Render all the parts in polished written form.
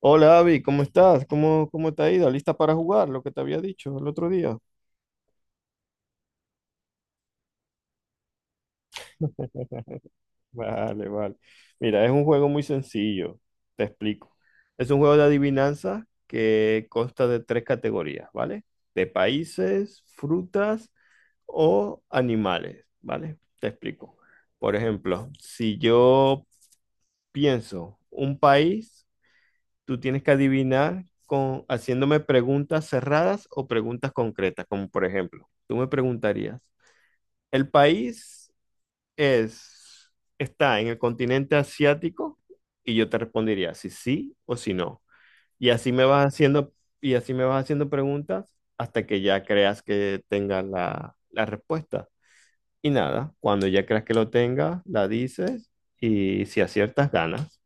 Hola Avi, ¿cómo estás? ¿¿Cómo te ha ido? ¿Lista para jugar? Lo que te había dicho el otro día. Vale. Mira, es un juego muy sencillo, te explico. Es un juego de adivinanza que consta de tres categorías, ¿vale? De países, frutas o animales, ¿vale? Te explico. Por ejemplo, si yo pienso un país, tú tienes que adivinar haciéndome preguntas cerradas o preguntas concretas, como por ejemplo, tú me preguntarías. El país es, está en el continente asiático y yo te respondería si sí o si no. Y así me vas haciendo, y así me vas haciendo preguntas hasta que ya creas que tengas la respuesta. Y nada, cuando ya creas que lo tengas, la dices y si aciertas, ganas.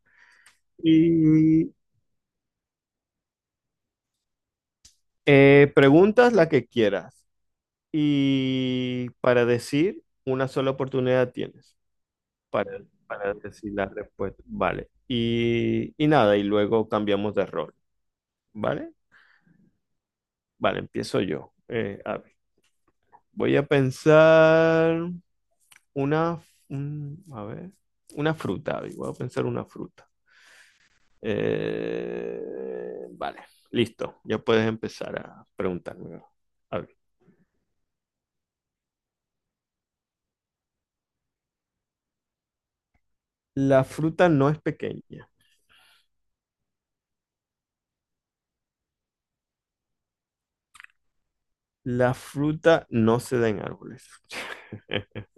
Y preguntas la que quieras. Y para decir, una sola oportunidad tienes. para, para decir la respuesta. Vale. Y nada, y luego cambiamos de rol. ¿Vale? Vale, empiezo yo. A ver, voy a pensar una, a ver, una fruta. Abby, voy a pensar una fruta. Vale, listo. Ya puedes empezar a preguntarme. A la fruta no es pequeña. La fruta no se da en árboles.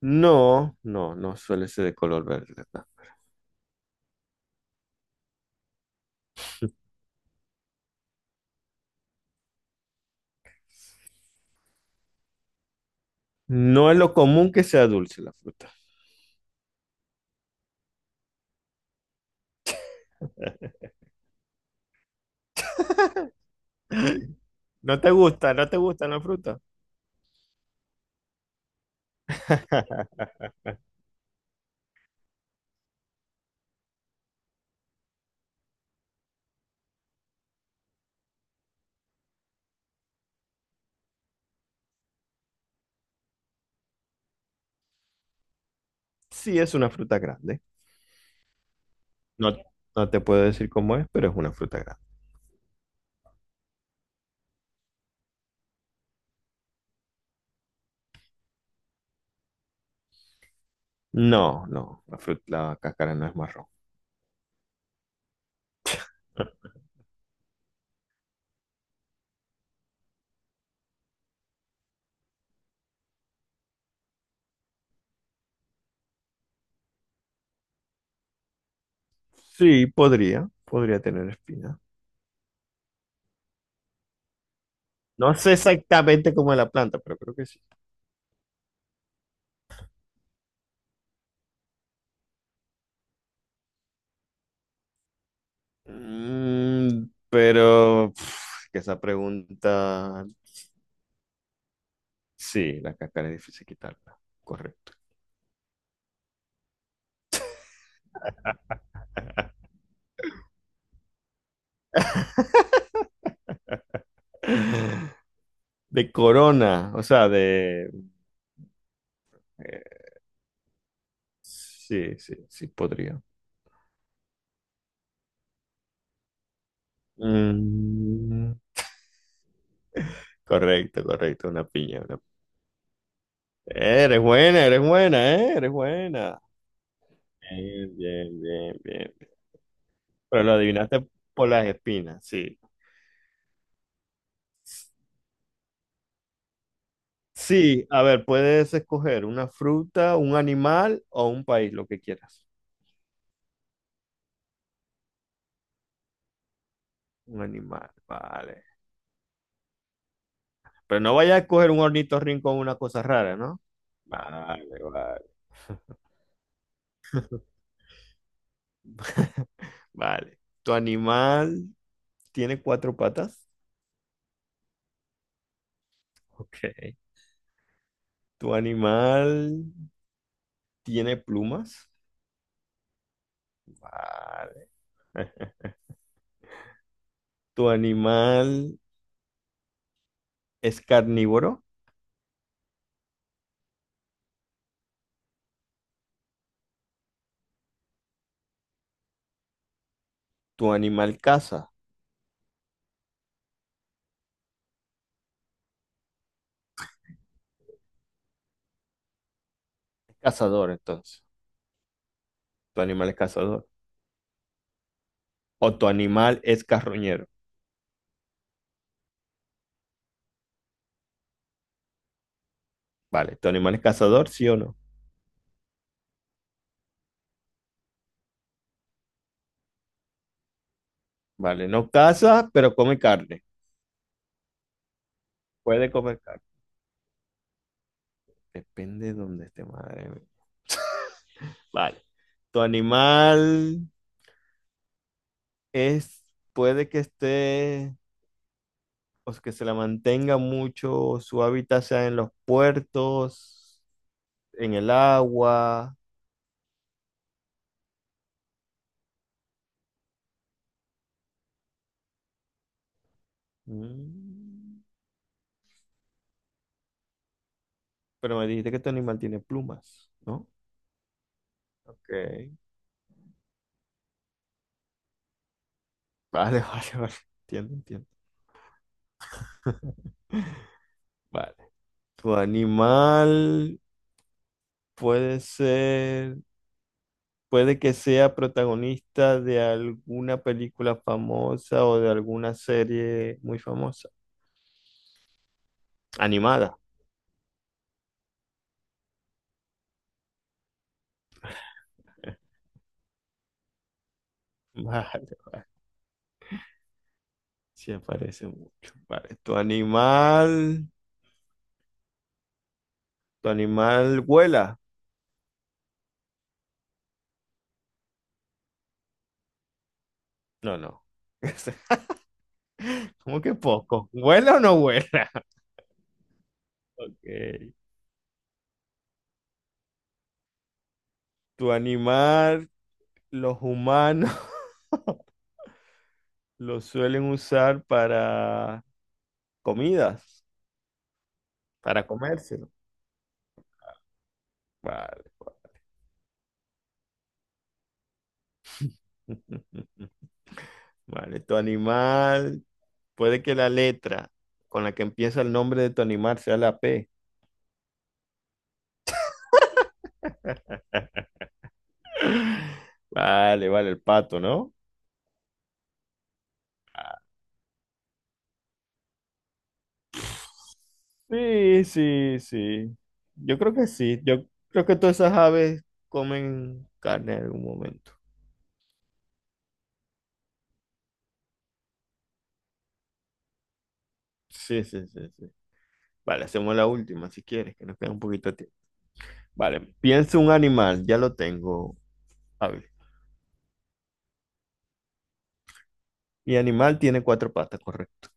No suele ser de color verde. No es lo común que sea dulce la fruta. No te gusta la fruta. Sí, es una fruta grande. No, no te puedo decir cómo es, pero es una fruta grande. No, no, la fruta, la cáscara no es marrón. Sí, podría tener espina. No sé exactamente cómo es la planta, pero creo que sí. Mm, pero pf, que esa pregunta, sí, la cáscara es difícil quitarla. Correcto. De corona, o sea, de... eh, sí, sí, sí, podría. Mm, correcto, correcto, una piña. Una... Eres buena, eres buena, eres buena. Bien, bien, bien, bien. Pero lo adivinaste por las espinas, sí. Sí, a ver, puedes escoger una fruta, un animal o un país, lo que quieras. Un animal, vale. Pero no vayas a escoger un ornitorrinco o una cosa rara, ¿no? Vale. Vale. ¿Tu animal tiene cuatro patas? Ok. ¿Tu animal tiene plumas? Vale. ¿Tu animal es carnívoro? ¿Tu animal caza? Cazador, entonces. ¿Tu animal es cazador? ¿O tu animal es carroñero? Vale. ¿Tu animal es cazador, sí o no? Vale. No caza, pero come carne. Puede comer carne. Depende de dónde esté, madre mía. Vale. ¿Tu animal es, puede que esté pues, que se la mantenga mucho, su hábitat sea en los puertos, en el agua? Mm, pero me dijiste que tu animal tiene plumas, ¿no? Ok. Vale, vale. Entiendo, entiendo. Vale. Tu animal puede ser, puede que sea protagonista de alguna película famosa o de alguna serie muy famosa. Animada. Vale. Sí aparece mucho. Vale. Tu animal. ¿Tu animal vuela? No. ¿Cómo que poco? ¿Vuela o no vuela? Ok. ¿Tu animal, los humanos, lo suelen usar para comidas, para comérselo? Vale. Vale. Vale, tu animal, puede que la letra con la que empieza el nombre de tu animal sea la P. Vale, el pato, ¿no? Sí, sí, sí. Yo creo que sí. Yo creo que todas esas aves comen carne en algún momento. Sí, sí, sí, sí. Vale, hacemos la última si quieres, que nos queda un poquito de tiempo. Vale, piensa un animal, ya lo tengo. A ver, mi animal tiene cuatro patas, correcto.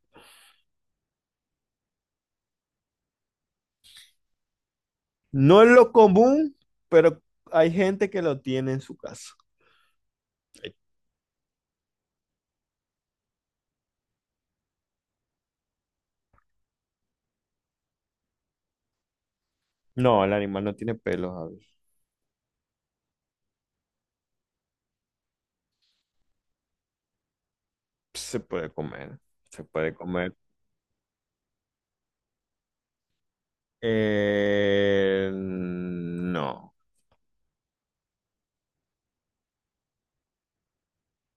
No es lo común, pero hay gente que lo tiene en su casa. Ay, no, el animal no tiene pelos, a ver. Se puede comer, se puede comer. No.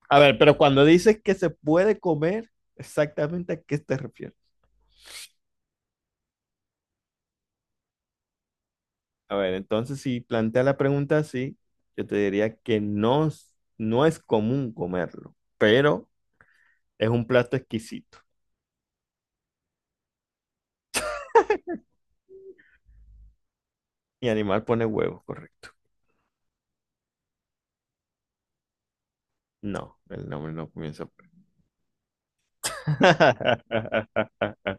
A ver, pero cuando dices que se puede comer, exactamente a qué te refieres. A ver, entonces si plantea la pregunta así, yo te diría que no, es- no es común comerlo, pero es un plato exquisito. Y animal pone huevos, correcto. No, el nombre no comienza por...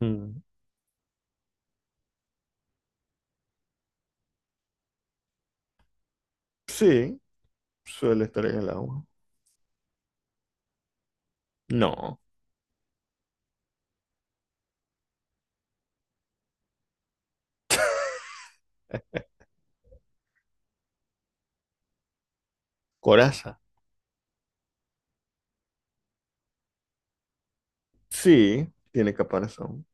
Mm, sí, suele estar en el agua. No, coraza. Sí, tiene caparazón.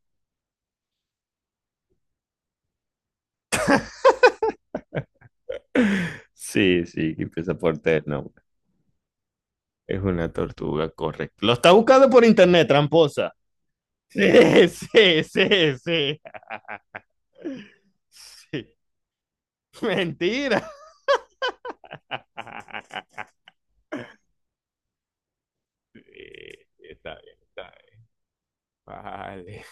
Sí, sí, que empieza por T, el. Es una tortuga, correcto. Lo está buscando por internet, tramposa. Sí, sí, sí, sí. Sí. Mentira. Sí, está bien, está bien. Vale.